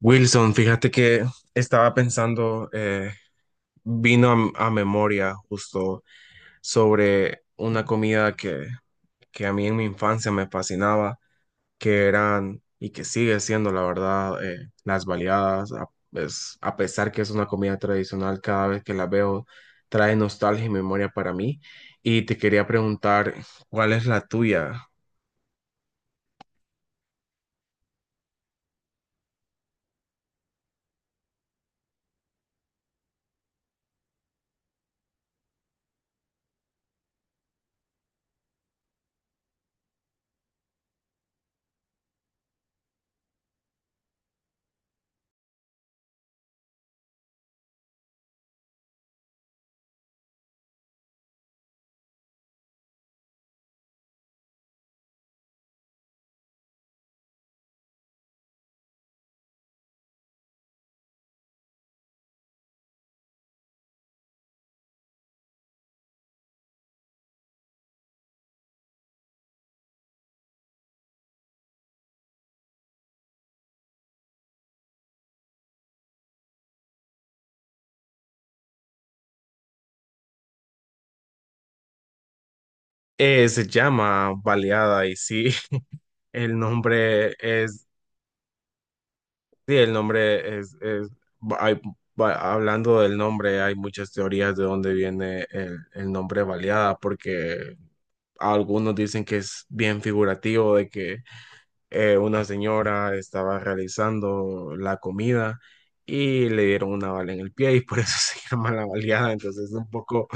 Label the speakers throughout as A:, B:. A: Wilson, fíjate que estaba pensando, vino a memoria justo sobre una comida que a mí en mi infancia me fascinaba, que eran y que sigue siendo, la verdad, las baleadas. A pesar que es una comida tradicional, cada vez que la veo trae nostalgia y memoria para mí. Y te quería preguntar, ¿cuál es la tuya? Se llama baleada y sí, el nombre es sí, el nombre es hay- hablando del nombre, hay muchas teorías de dónde viene el nombre baleada, porque algunos dicen que es bien figurativo de que una señora estaba realizando la comida y le dieron una bala en el pie y por eso se llama la baleada. Entonces, un poco,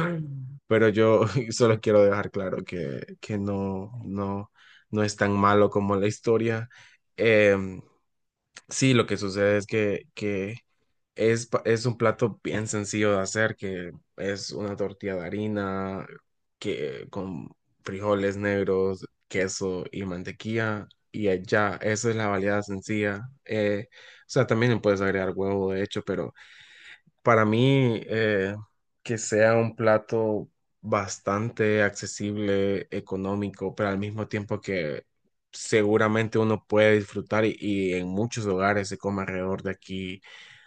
A: pero yo solo quiero dejar claro que no es tan malo como la historia. Em, Sí, lo que sucede es que es un plato bien sencillo de hacer, que es una tortilla de harina con frijoles negros, queso y mantequilla, y ya, esa es la variedad sencilla. O sea, también le puedes agregar huevo, de hecho, pero para mí, que sea un plato bastante accesible, económico, pero al mismo tiempo que seguramente uno puede disfrutar y en muchos hogares se come alrededor de aquí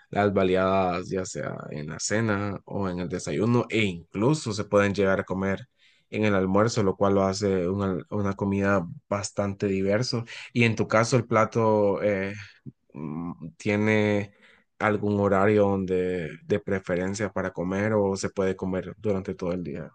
A: las baleadas, ya sea en la cena o en el desayuno, e incluso se pueden llegar a comer en el almuerzo, lo cual lo hace una comida bastante diverso. Y en tu caso, el plato tiene algún horario donde de preferencia para comer o se puede comer durante todo el día.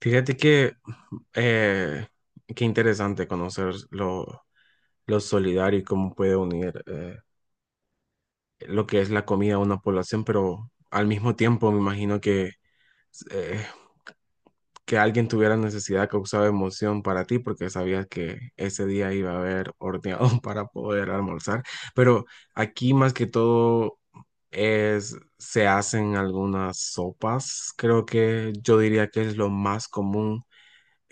A: Fíjate que eh, qué interesante conocer lo solidario y cómo puede unir. Lo que es la comida a una población, pero al mismo tiempo me imagino eh, que alguien tuviera necesidad causaba emoción para ti porque sabías que ese día iba a haber horneado para poder almorzar. Pero aquí más que todo es, se hacen algunas sopas. Creo que yo diría que es lo más común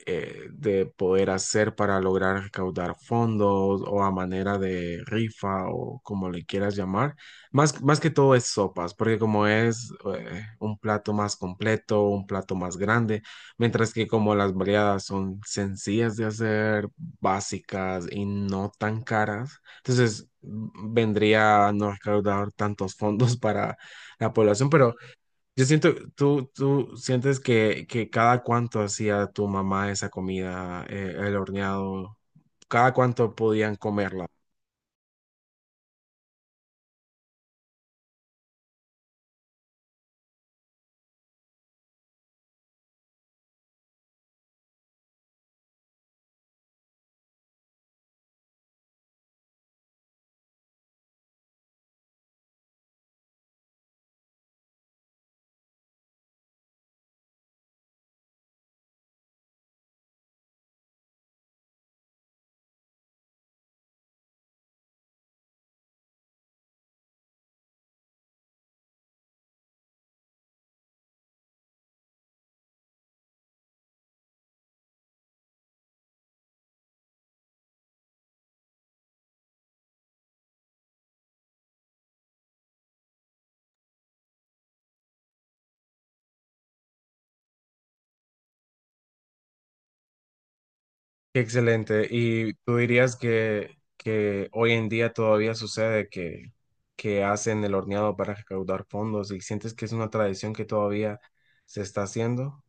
A: de poder hacer para lograr recaudar fondos o a manera de rifa o como le quieras llamar. Más que todo es sopas, porque como es un plato más completo, un plato más grande, mientras que como las variadas son sencillas de hacer, básicas y no tan caras, entonces vendría a no recaudar tantos fondos para la población, pero... Yo siento, tú sientes que cada cuánto hacía tu mamá esa comida, el horneado, cada cuánto podían comerla. Qué excelente. ¿Y tú dirías que hoy en día todavía sucede que hacen el horneado para recaudar fondos y sientes que es una tradición que todavía se está haciendo?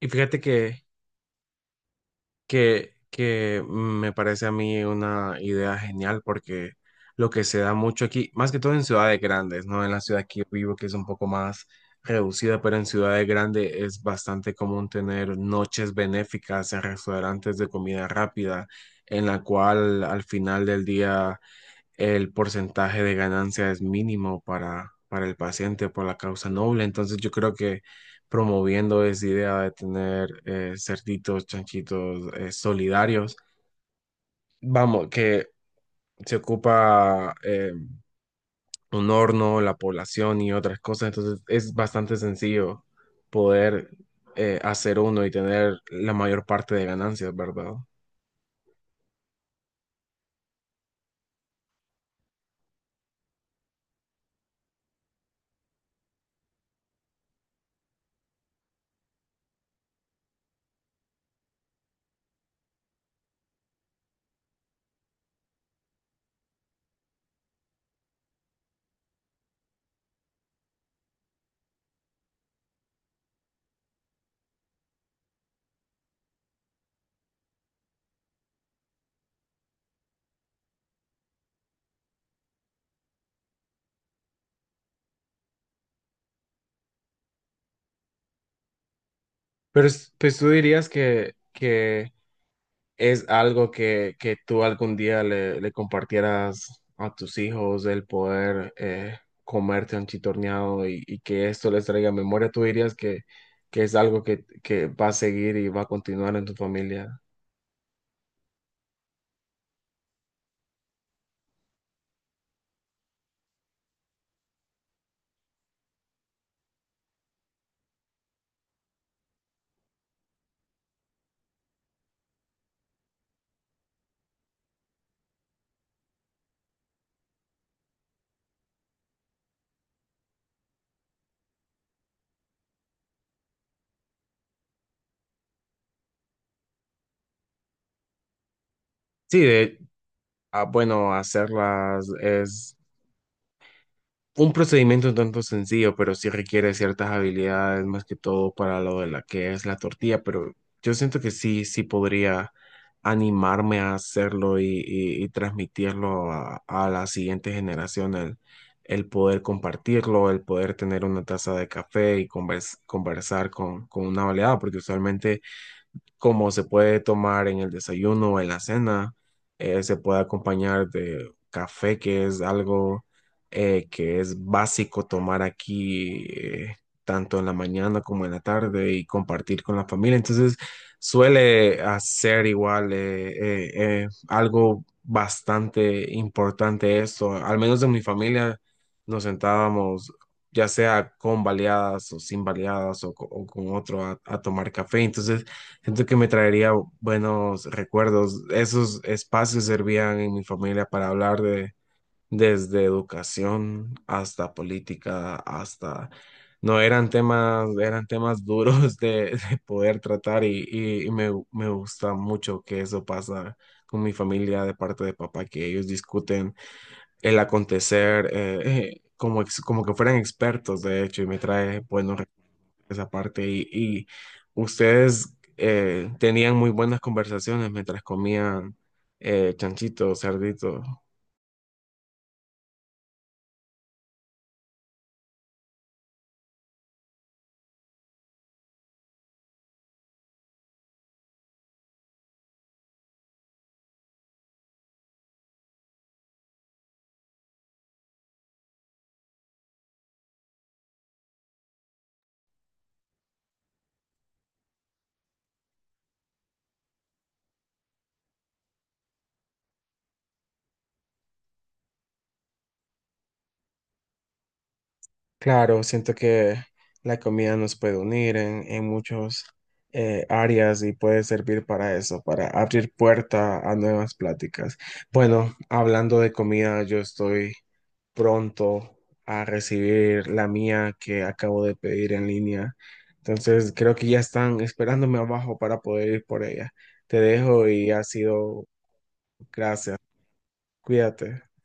A: Y fíjate que me parece a mí una idea genial porque lo que se da mucho aquí, más que todo en ciudades grandes, ¿no? En la ciudad que yo vivo, que es un poco más reducida, pero en ciudades grandes es bastante común tener noches benéficas en restaurantes de comida rápida, en la cual al final del día el porcentaje de ganancia es mínimo para el paciente por la causa noble. Entonces yo creo que promoviendo esa idea de tener cerditos, chanchitos solidarios, vamos, que se ocupa un horno, la población y otras cosas, entonces es bastante sencillo poder hacer uno y tener la mayor parte de ganancias, ¿verdad? Pues tú dirías que es algo que tú algún día le compartieras a tus hijos, el poder comerte un chitorneado y que esto les traiga memoria, ¿tú dirías que es algo que va a seguir y va a continuar en tu familia? Sí, de, ah, bueno, hacerlas es un procedimiento un tanto sencillo, pero sí requiere ciertas habilidades, más que todo para lo de la que es la tortilla, pero yo siento que sí, sí podría animarme a hacerlo y transmitirlo a la siguiente generación, el poder compartirlo, el poder tener una taza de café y conversar con una baleada, porque usualmente como se puede tomar en el desayuno o en la cena, se puede acompañar de café, que es algo que es básico tomar aquí, tanto en la mañana como en la tarde y compartir con la familia. Entonces, suele hacer igual algo bastante importante esto, al menos en mi familia nos sentábamos ya sea con baleadas o sin baleadas o con otro a tomar café. Entonces, siento que me traería buenos recuerdos. Esos espacios servían en mi familia para hablar de desde educación hasta política, hasta no eran temas, eran temas duros de poder tratar y me gusta mucho que eso pasa con mi familia de parte de papá, que ellos discuten el acontecer como que fueran expertos, de hecho, y me trae buenos esa parte y ustedes tenían muy buenas conversaciones mientras comían chanchito, cerdito. Claro, siento que la comida nos puede unir en muchos áreas y puede servir para eso, para abrir puerta a nuevas pláticas. Bueno, hablando de comida, yo estoy pronto a recibir la mía que acabo de pedir en línea. Entonces creo que ya están esperándome abajo para poder ir por ella. Te dejo y ha sido gracias. Cuídate.